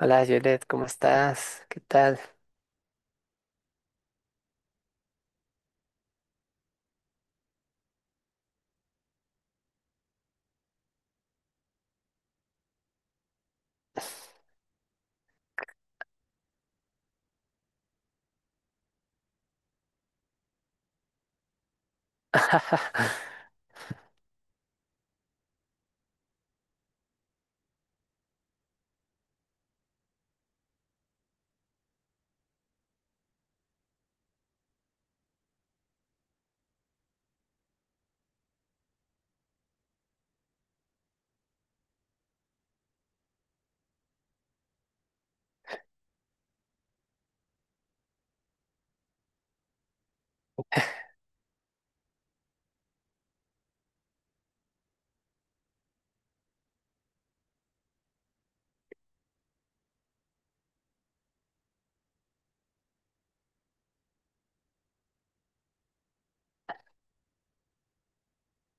Hola, Violet, ¿cómo estás? ¿Qué tal?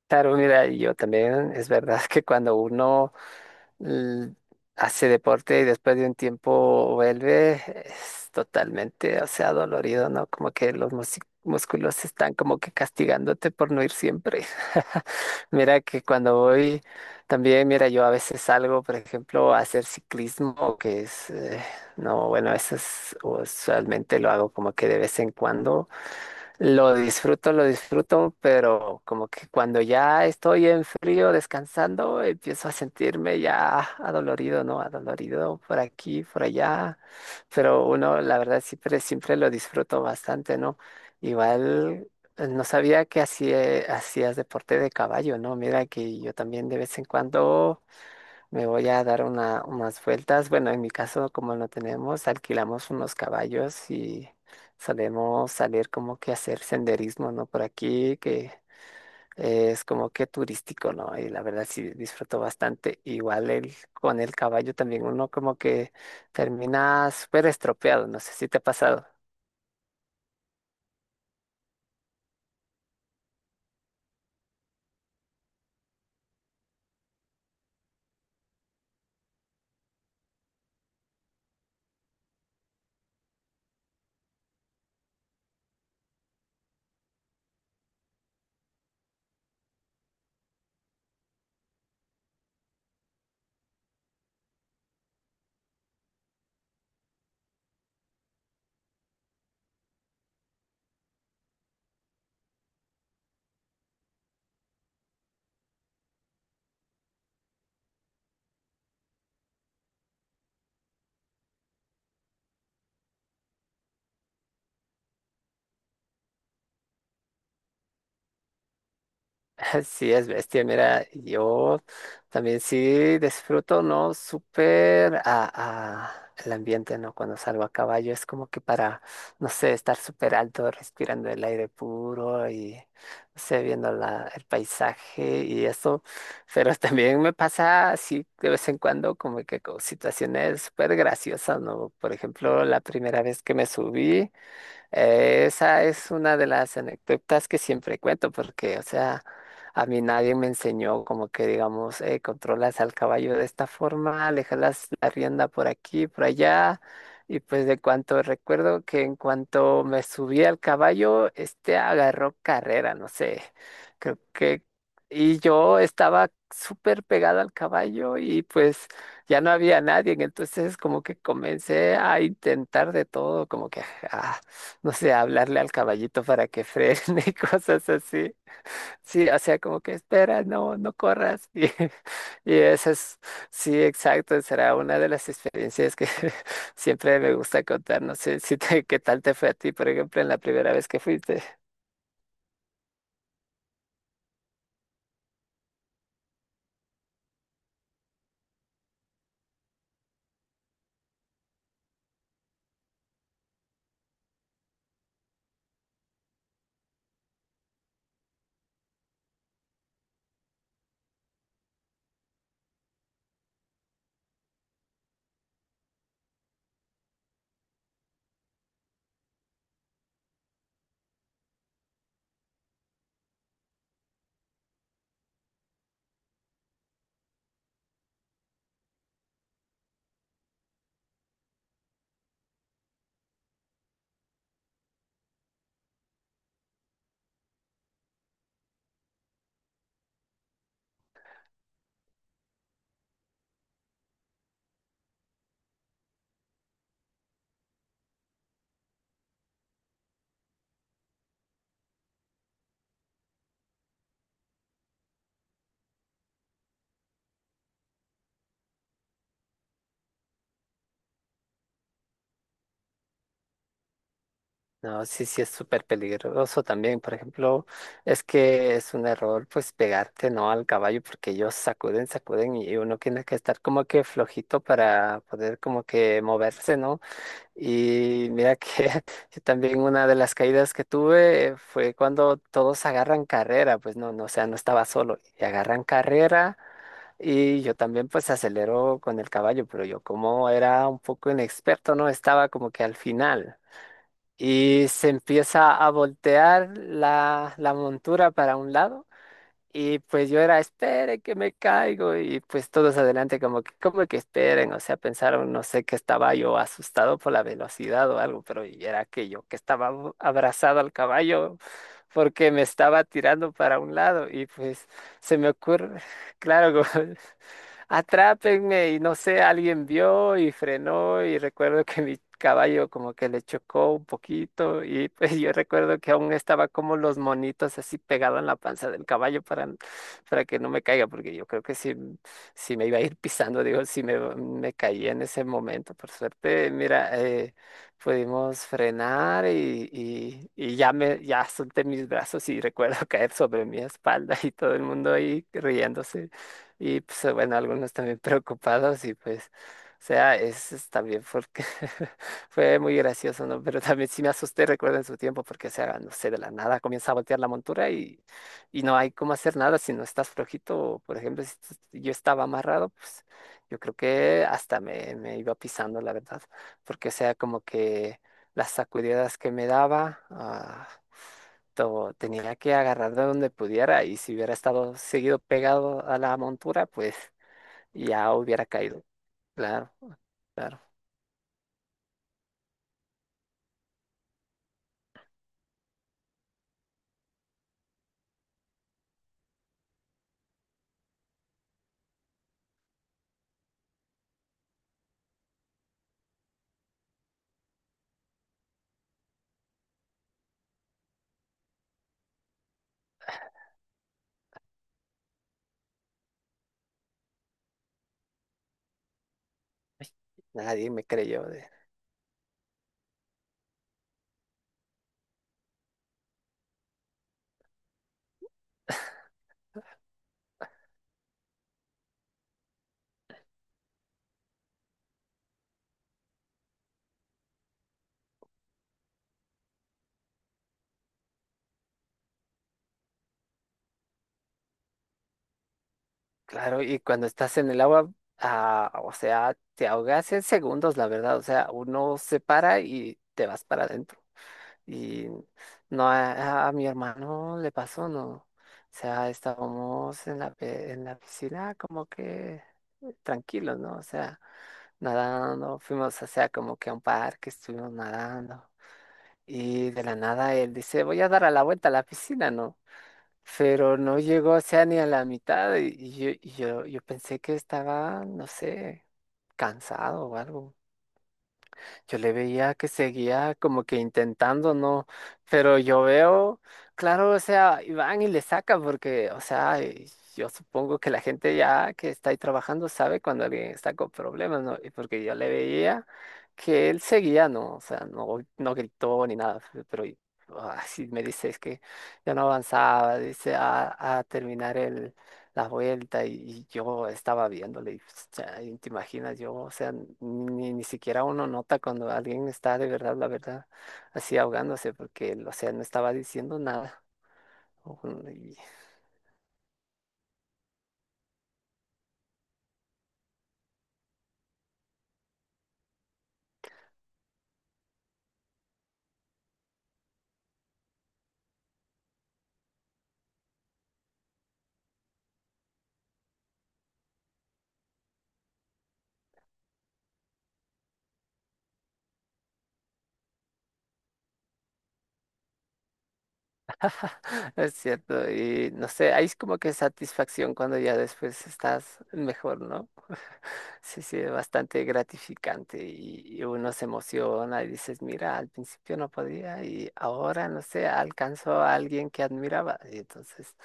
Claro, mira, y yo también, es verdad que cuando uno l- hace deporte y después de un tiempo vuelve, es totalmente, o sea, dolorido, ¿no? Como que los músculos están como que castigándote por no ir siempre. Mira que cuando voy, también, mira, yo a veces salgo, por ejemplo, a hacer ciclismo, que es, no, bueno, eso es, usualmente lo hago como que de vez en cuando. Lo disfruto, pero como que cuando ya estoy en frío descansando, empiezo a sentirme ya adolorido, ¿no? Adolorido por aquí, por allá. Pero uno, la verdad, siempre, siempre lo disfruto bastante, ¿no? Igual no sabía que hacías deporte de caballo, ¿no? Mira que yo también de vez en cuando. Me voy a dar una, unas vueltas. Bueno, en mi caso, como no tenemos, alquilamos unos caballos y solemos salir como que a hacer senderismo, ¿no? Por aquí, que es como que turístico, ¿no? Y la verdad sí disfruto bastante. Igual el, con el caballo también uno como que termina súper estropeado. No sé si te ha pasado. Sí, es bestia. Mira, yo también sí disfruto, ¿no? Súper a el ambiente, ¿no? Cuando salgo a caballo es como que para, no sé, estar súper alto, respirando el aire puro y, no sé, viendo la, el paisaje y eso. Pero también me pasa así de vez en cuando como que con situaciones súper graciosas, ¿no? Por ejemplo, la primera vez que me subí. Esa es una de las anécdotas que siempre cuento porque, o sea, a mí nadie me enseñó como que, digamos, controlas al caballo de esta forma, le jalas la rienda por aquí, por allá. Y pues de cuanto recuerdo que en cuanto me subí al caballo, este agarró carrera, no sé, creo que... Y yo estaba súper pegado al caballo y pues ya no había nadie, entonces como que comencé a intentar de todo, como que... ah, no sé, hablarle al caballito para que frene y cosas así. Sí, o sea, como que espera, no, no corras. Y, y eso es, sí, exacto, será una de las experiencias que siempre me gusta contar. No sé si qué tal te fue a ti, por ejemplo, en la primera vez que fuiste. No, sí, sí, es súper peligroso también. Por ejemplo, es que es un error, pues, pegarte, ¿no? Al caballo, porque ellos sacuden, sacuden y uno tiene que estar como que flojito para poder como que moverse, ¿no? Y mira que también una de las caídas que tuve fue cuando todos agarran carrera, pues no, no, o sea, no estaba solo, y agarran carrera y yo también pues acelero con el caballo, pero yo como era un poco inexperto, no estaba como que al final y se empieza a voltear la, la montura para un lado. Y pues yo era, espere que me caigo. Y pues todos adelante como que ¿esperen? O sea, pensaron, no sé, que estaba yo asustado por la velocidad o algo, pero y era que yo que estaba abrazado al caballo porque me estaba tirando para un lado. Y pues se me ocurre, claro, atrápenme y no sé, alguien vio y frenó y recuerdo que mi caballo como que le chocó un poquito y pues yo recuerdo que aún estaba como los monitos así pegado en la panza del caballo para que no me caiga, porque yo creo que si, si me iba a ir pisando, digo, si me, me caía en ese momento, por suerte, mira, pudimos frenar y ya me, ya solté mis brazos y recuerdo caer sobre mi espalda y todo el mundo ahí riéndose. Y pues bueno, algunos también preocupados y pues, o sea, es también porque fue muy gracioso, ¿no? Pero también sí me asusté, recuerdo en su tiempo, porque, o sea, no sé, de la nada comienza a voltear la montura y no hay cómo hacer nada si no estás flojito. Por ejemplo, si yo estaba amarrado, pues yo creo que hasta me, me iba pisando, la verdad, porque, o sea, como que las sacudidas que me daba... tenía que agarrar de donde pudiera y si hubiera estado seguido pegado a la montura, pues ya hubiera caído. Claro, claro. Nadie me creyó. Claro, y cuando estás en el agua, o sea, te ahogas en segundos, la verdad. O sea, uno se para y te vas para adentro. Y no a, a mi hermano le pasó, no. O sea, estábamos en la, en la piscina como que tranquilos, ¿no? O sea, nadando, fuimos, o sea, como que a un parque, estuvimos nadando. Y de la nada él dice, voy a dar a la vuelta a la piscina, ¿no? Pero no llegó, o sea, ni a la mitad. Y yo, yo pensé que estaba, no sé, cansado o algo. Yo le veía que seguía como que intentando, ¿no? Pero yo veo, claro, o sea, y van y le sacan porque, o sea, y yo supongo que la gente ya que está ahí trabajando sabe cuando alguien está con problemas, ¿no? Y porque yo le veía que él seguía, ¿no? O sea, no, no gritó ni nada, pero así me dice, es que ya no avanzaba, dice, a terminar la vuelta y yo estaba viéndole y pues, chay, te imaginas yo, o sea, ni, ni siquiera uno nota cuando alguien está de verdad, la verdad, así ahogándose porque, o sea, no estaba diciendo nada. Es cierto, y no sé, hay como que satisfacción cuando ya después estás mejor, ¿no? Sí, sí, es bastante gratificante y uno se emociona y dices, mira, al principio no podía y ahora, no sé, alcanzó a alguien que admiraba. Y entonces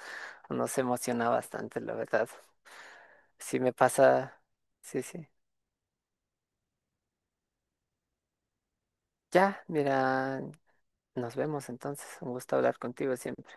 uno se emociona bastante, la verdad. Sí me pasa, sí, sí. Ya, mira, nos vemos entonces. Un gusto hablar contigo siempre.